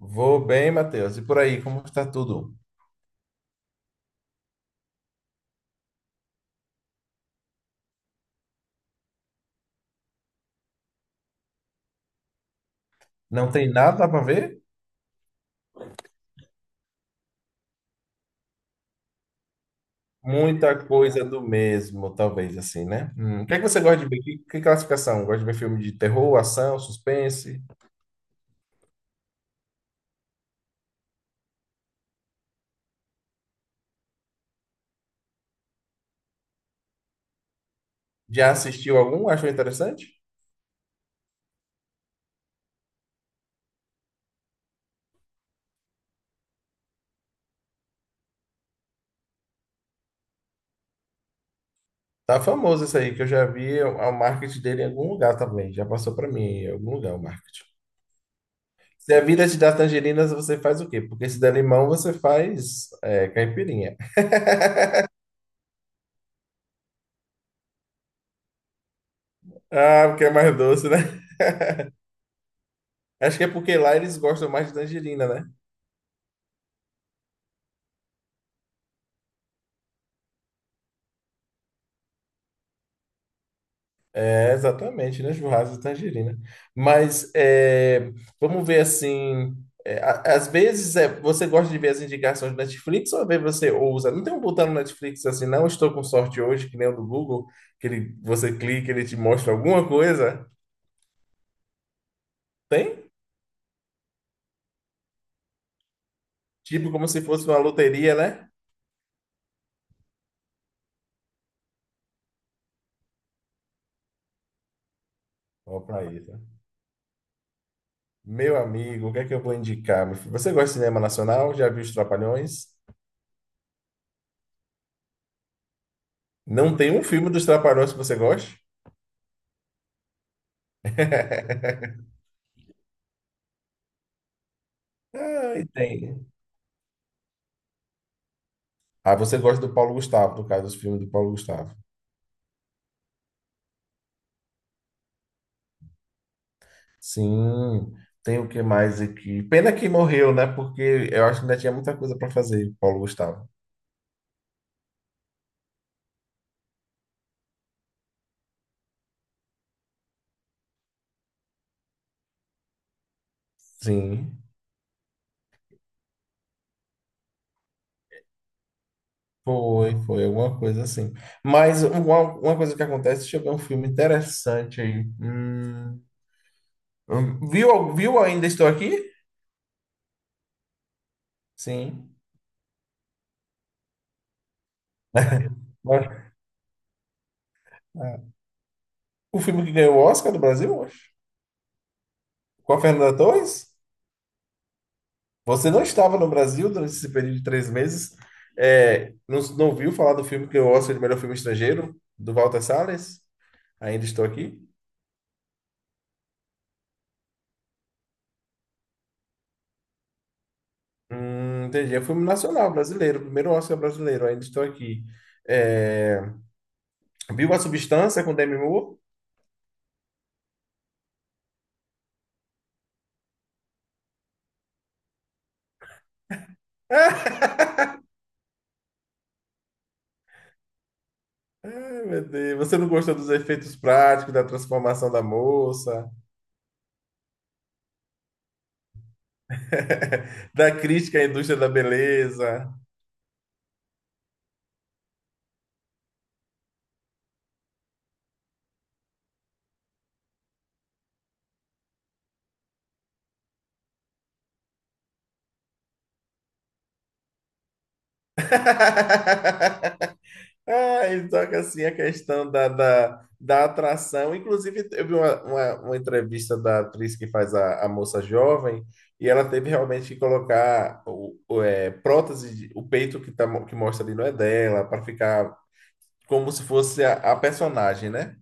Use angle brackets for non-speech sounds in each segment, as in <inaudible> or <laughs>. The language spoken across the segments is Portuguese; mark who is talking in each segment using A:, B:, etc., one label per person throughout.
A: Vou bem, Matheus. E por aí, como está tudo? Não tem nada para ver? Muita coisa do mesmo, talvez assim, né? O que é que você gosta de ver? Que classificação? Gosta de ver filme de terror, ação, suspense? Já assistiu algum? Achou interessante? Tá famoso isso aí, que eu já vi o marketing dele em algum lugar também. Já passou para mim em algum lugar o marketing. Se a vida te dá tangerinas, você faz o quê? Porque se der limão, você faz caipirinha. <laughs> Ah, porque é mais doce, né? Acho que é porque lá eles gostam mais de tangerina, né? É, exatamente, né? Churrasco de tangerina. Mas é, vamos ver assim. Às vezes você gosta de ver as indicações do Netflix, ou às vezes você ousa. Não tem um botão no Netflix assim, não estou com sorte hoje, que nem o do Google, que ele, você clica ele te mostra alguma coisa. Tem? Tipo como se fosse uma loteria, né? Ó, pra isso. Meu amigo, o que é que eu vou indicar? Meu filho? Você gosta de cinema nacional? Já viu os Trapalhões? Não tem um filme dos Trapalhões que você goste? <laughs> Ah, tem. Ah, você gosta do Paulo Gustavo, no caso dos filmes do Paulo Gustavo. Sim, tem o que mais aqui? Pena que morreu, né? Porque eu acho que ainda tinha muita coisa para fazer, Paulo Gustavo. Sim, foi alguma coisa assim. Uma coisa que acontece, deixa eu ver um filme interessante aí. Hum, viu, Viu Ainda Estou Aqui? Sim. Mas, ah, O filme que ganhou o Oscar do Brasil, eu acho. Com a Fernanda Torres? Você não estava no Brasil durante esse período de 3 meses? É, não, não ouviu falar do filme que eu Oscar de melhor filme estrangeiro, do Walter Salles? Ainda estou aqui? Entendi. É um filme nacional, brasileiro. Primeiro Oscar brasileiro. Ainda estou aqui. É, viu A Substância com Demi Moore? <laughs> Ai, meu Deus. Você não gostou dos efeitos práticos, da transformação da moça, <laughs> da crítica à indústria da beleza? <laughs> Ah, ele toca assim a questão da atração. Inclusive, eu vi uma entrevista da atriz que faz a moça jovem, e ela teve realmente que colocar prótese, o peito que, que mostra ali não é dela, para ficar como se fosse a personagem, né?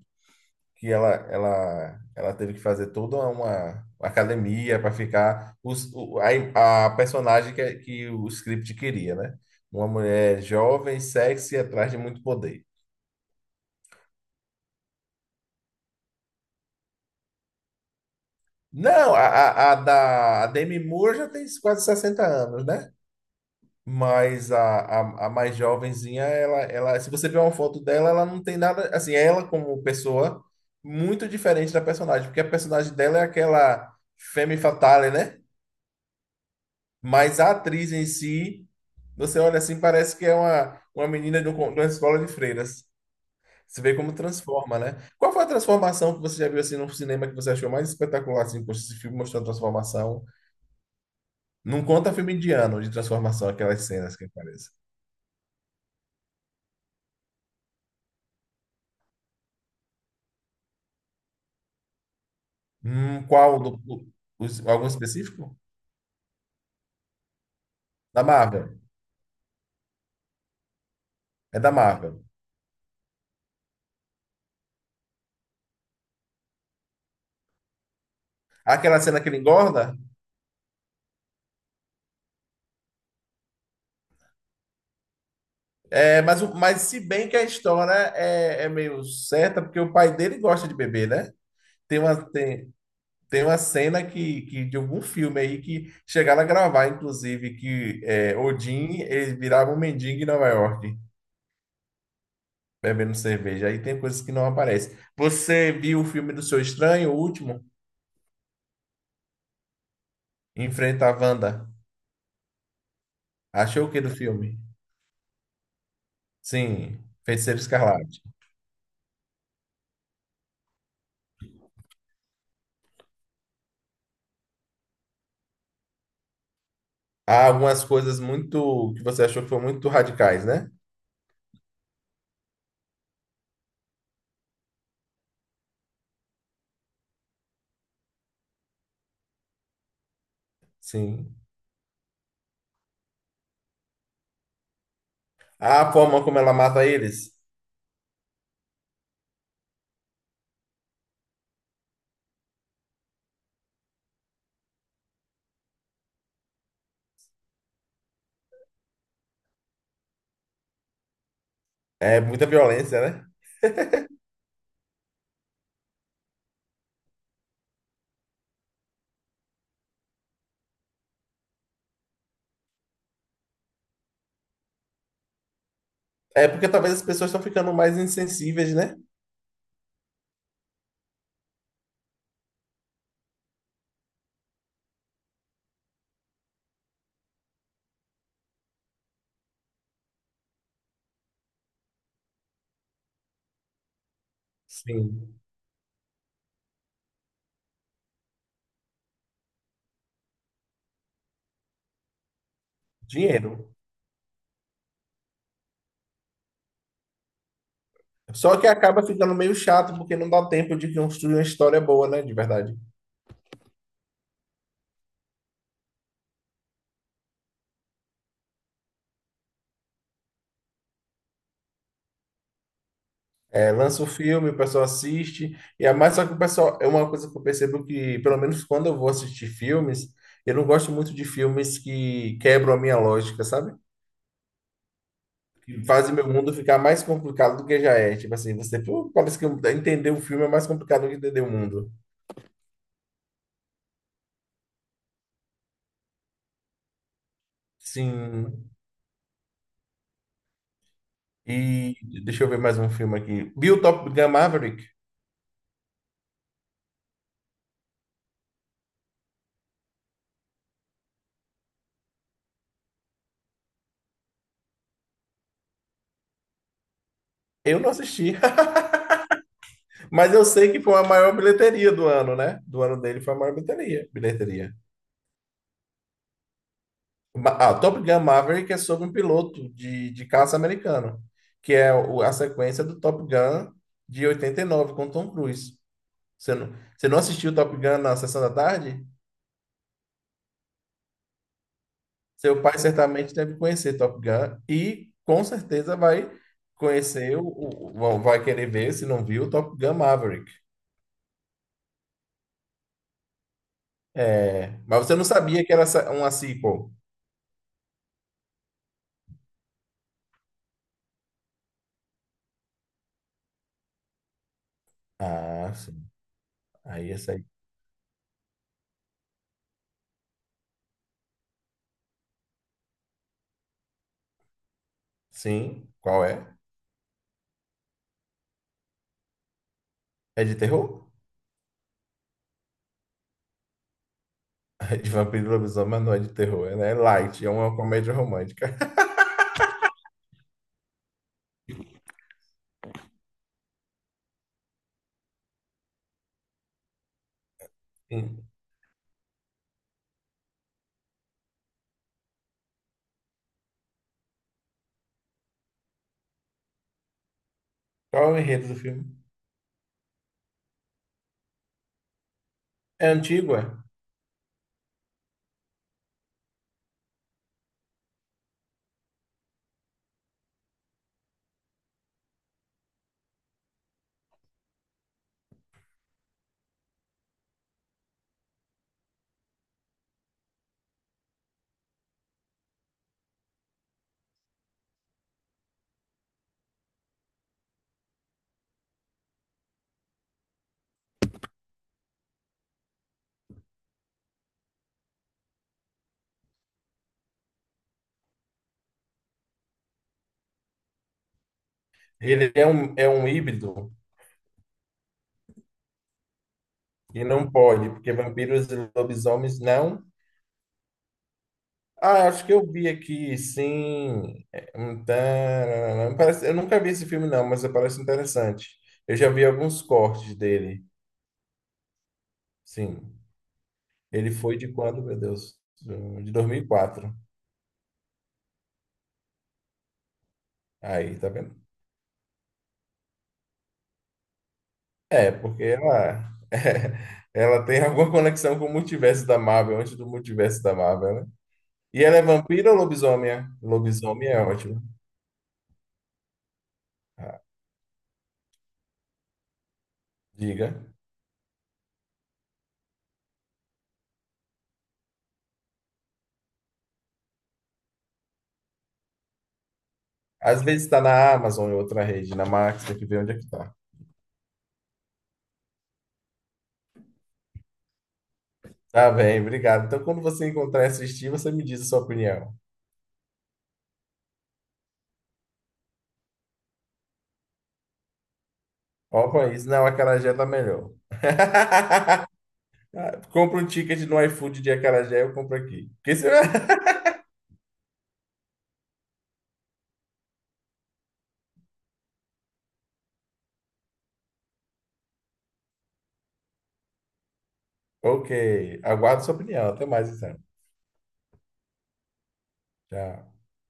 A: Que ela teve que fazer toda uma, academia para ficar a personagem que o script queria, né? Uma mulher jovem, sexy, atrás de muito poder. Não, a Demi Moore já tem quase 60 anos, né? Mas a mais jovenzinha, se você ver uma foto dela, ela não tem nada, assim, ela como pessoa, muito diferente da personagem, porque a personagem dela é aquela femme fatale, né? Mas a atriz em si, você olha assim, parece que é uma menina de, de uma escola de freiras. Você vê como transforma, né? Qual foi a transformação que você já viu assim no cinema que você achou mais espetacular, assim, poxa, esse filme mostrou a transformação? Não conta filme indiano de transformação, aquelas cenas que aparecem. Qual? Os- algum específico? Da Marvel. É da Marvel. Aquela cena que ele engorda? É, mas se bem que a história é meio certa, porque o pai dele gosta de beber, né? Tem uma, tem, Tem uma cena que de algum filme aí que chegaram a gravar, inclusive, que é, Odin ele virava um mendigo em Nova York, bebendo cerveja. Aí tem coisas que não aparecem. Você viu o filme do Seu Estranho, o último? Enfrenta a Wanda. Achou o que do filme? Sim, Feiticeiro Escarlate. Há algumas coisas muito que você achou que foram muito radicais, né? Sim. A forma como ela mata eles é muita violência, né? É porque talvez as pessoas estão ficando mais insensíveis, né? Sim. Dinheiro. Só que acaba ficando meio chato porque não dá tempo de construir uma história boa, né? De verdade. É, lança o filme, o pessoal assiste, e é mais só que o pessoal, é uma coisa que eu percebo que, pelo menos quando eu vou assistir filmes, eu não gosto muito de filmes que quebram a minha lógica, sabe? Que fazem meu mundo ficar mais complicado do que já é. Tipo assim, você, pô, parece que entender o filme é mais complicado do que entender o mundo. Sim. E deixa eu ver mais um filme aqui. Bill Top Gun Maverick. Eu não assisti, <laughs> mas eu sei que foi a maior bilheteria do ano, né? Do ano dele foi a maior bilheteria. Bilheteria. Ah, Top Gun Maverick é sobre um piloto de caça americano, que é a sequência do Top Gun de 89 com Tom Cruise. Você não assistiu Top Gun na sessão da tarde? Seu pai certamente deve conhecer Top Gun e com certeza vai conhecer, vai querer ver, se não viu, Top Gun Maverick. É, mas você não sabia que era uma sequel? Ah, sim. Aí essa aí. Sim, qual é? É de terror? De vampiro e lobisomem, mas não é de terror, né? É né? É light, é uma comédia romântica. <laughs> Sim. Qual é o enredo do filme? É antigo, é? É um híbrido e não pode, porque vampiros e lobisomens não. Ah, acho que eu vi aqui, sim. É, um tararara. Parece, eu nunca vi esse filme, não, mas parece interessante. Eu já vi alguns cortes dele. Sim. Ele foi de quando, meu Deus? De 2004. Aí, tá vendo? É, porque ela, <laughs> ela tem alguma conexão com o multiverso da Marvel, antes do multiverso da Marvel, né? E ela é vampira ou lobisomem? Lobisomem é ótimo. Ah, diga. Às vezes está na Amazon em outra rede, na Max, tem que ver onde é que tá. Tá bem, obrigado. Então, quando você encontrar e assistir, você me diz a sua opinião. Ó, o país, não, a acarajé tá melhor. <laughs> Ah, compra um ticket no iFood de acarajé, eu compro aqui. Porque se- <laughs> Ok, aguardo sua opinião. Até mais, então. Tchau.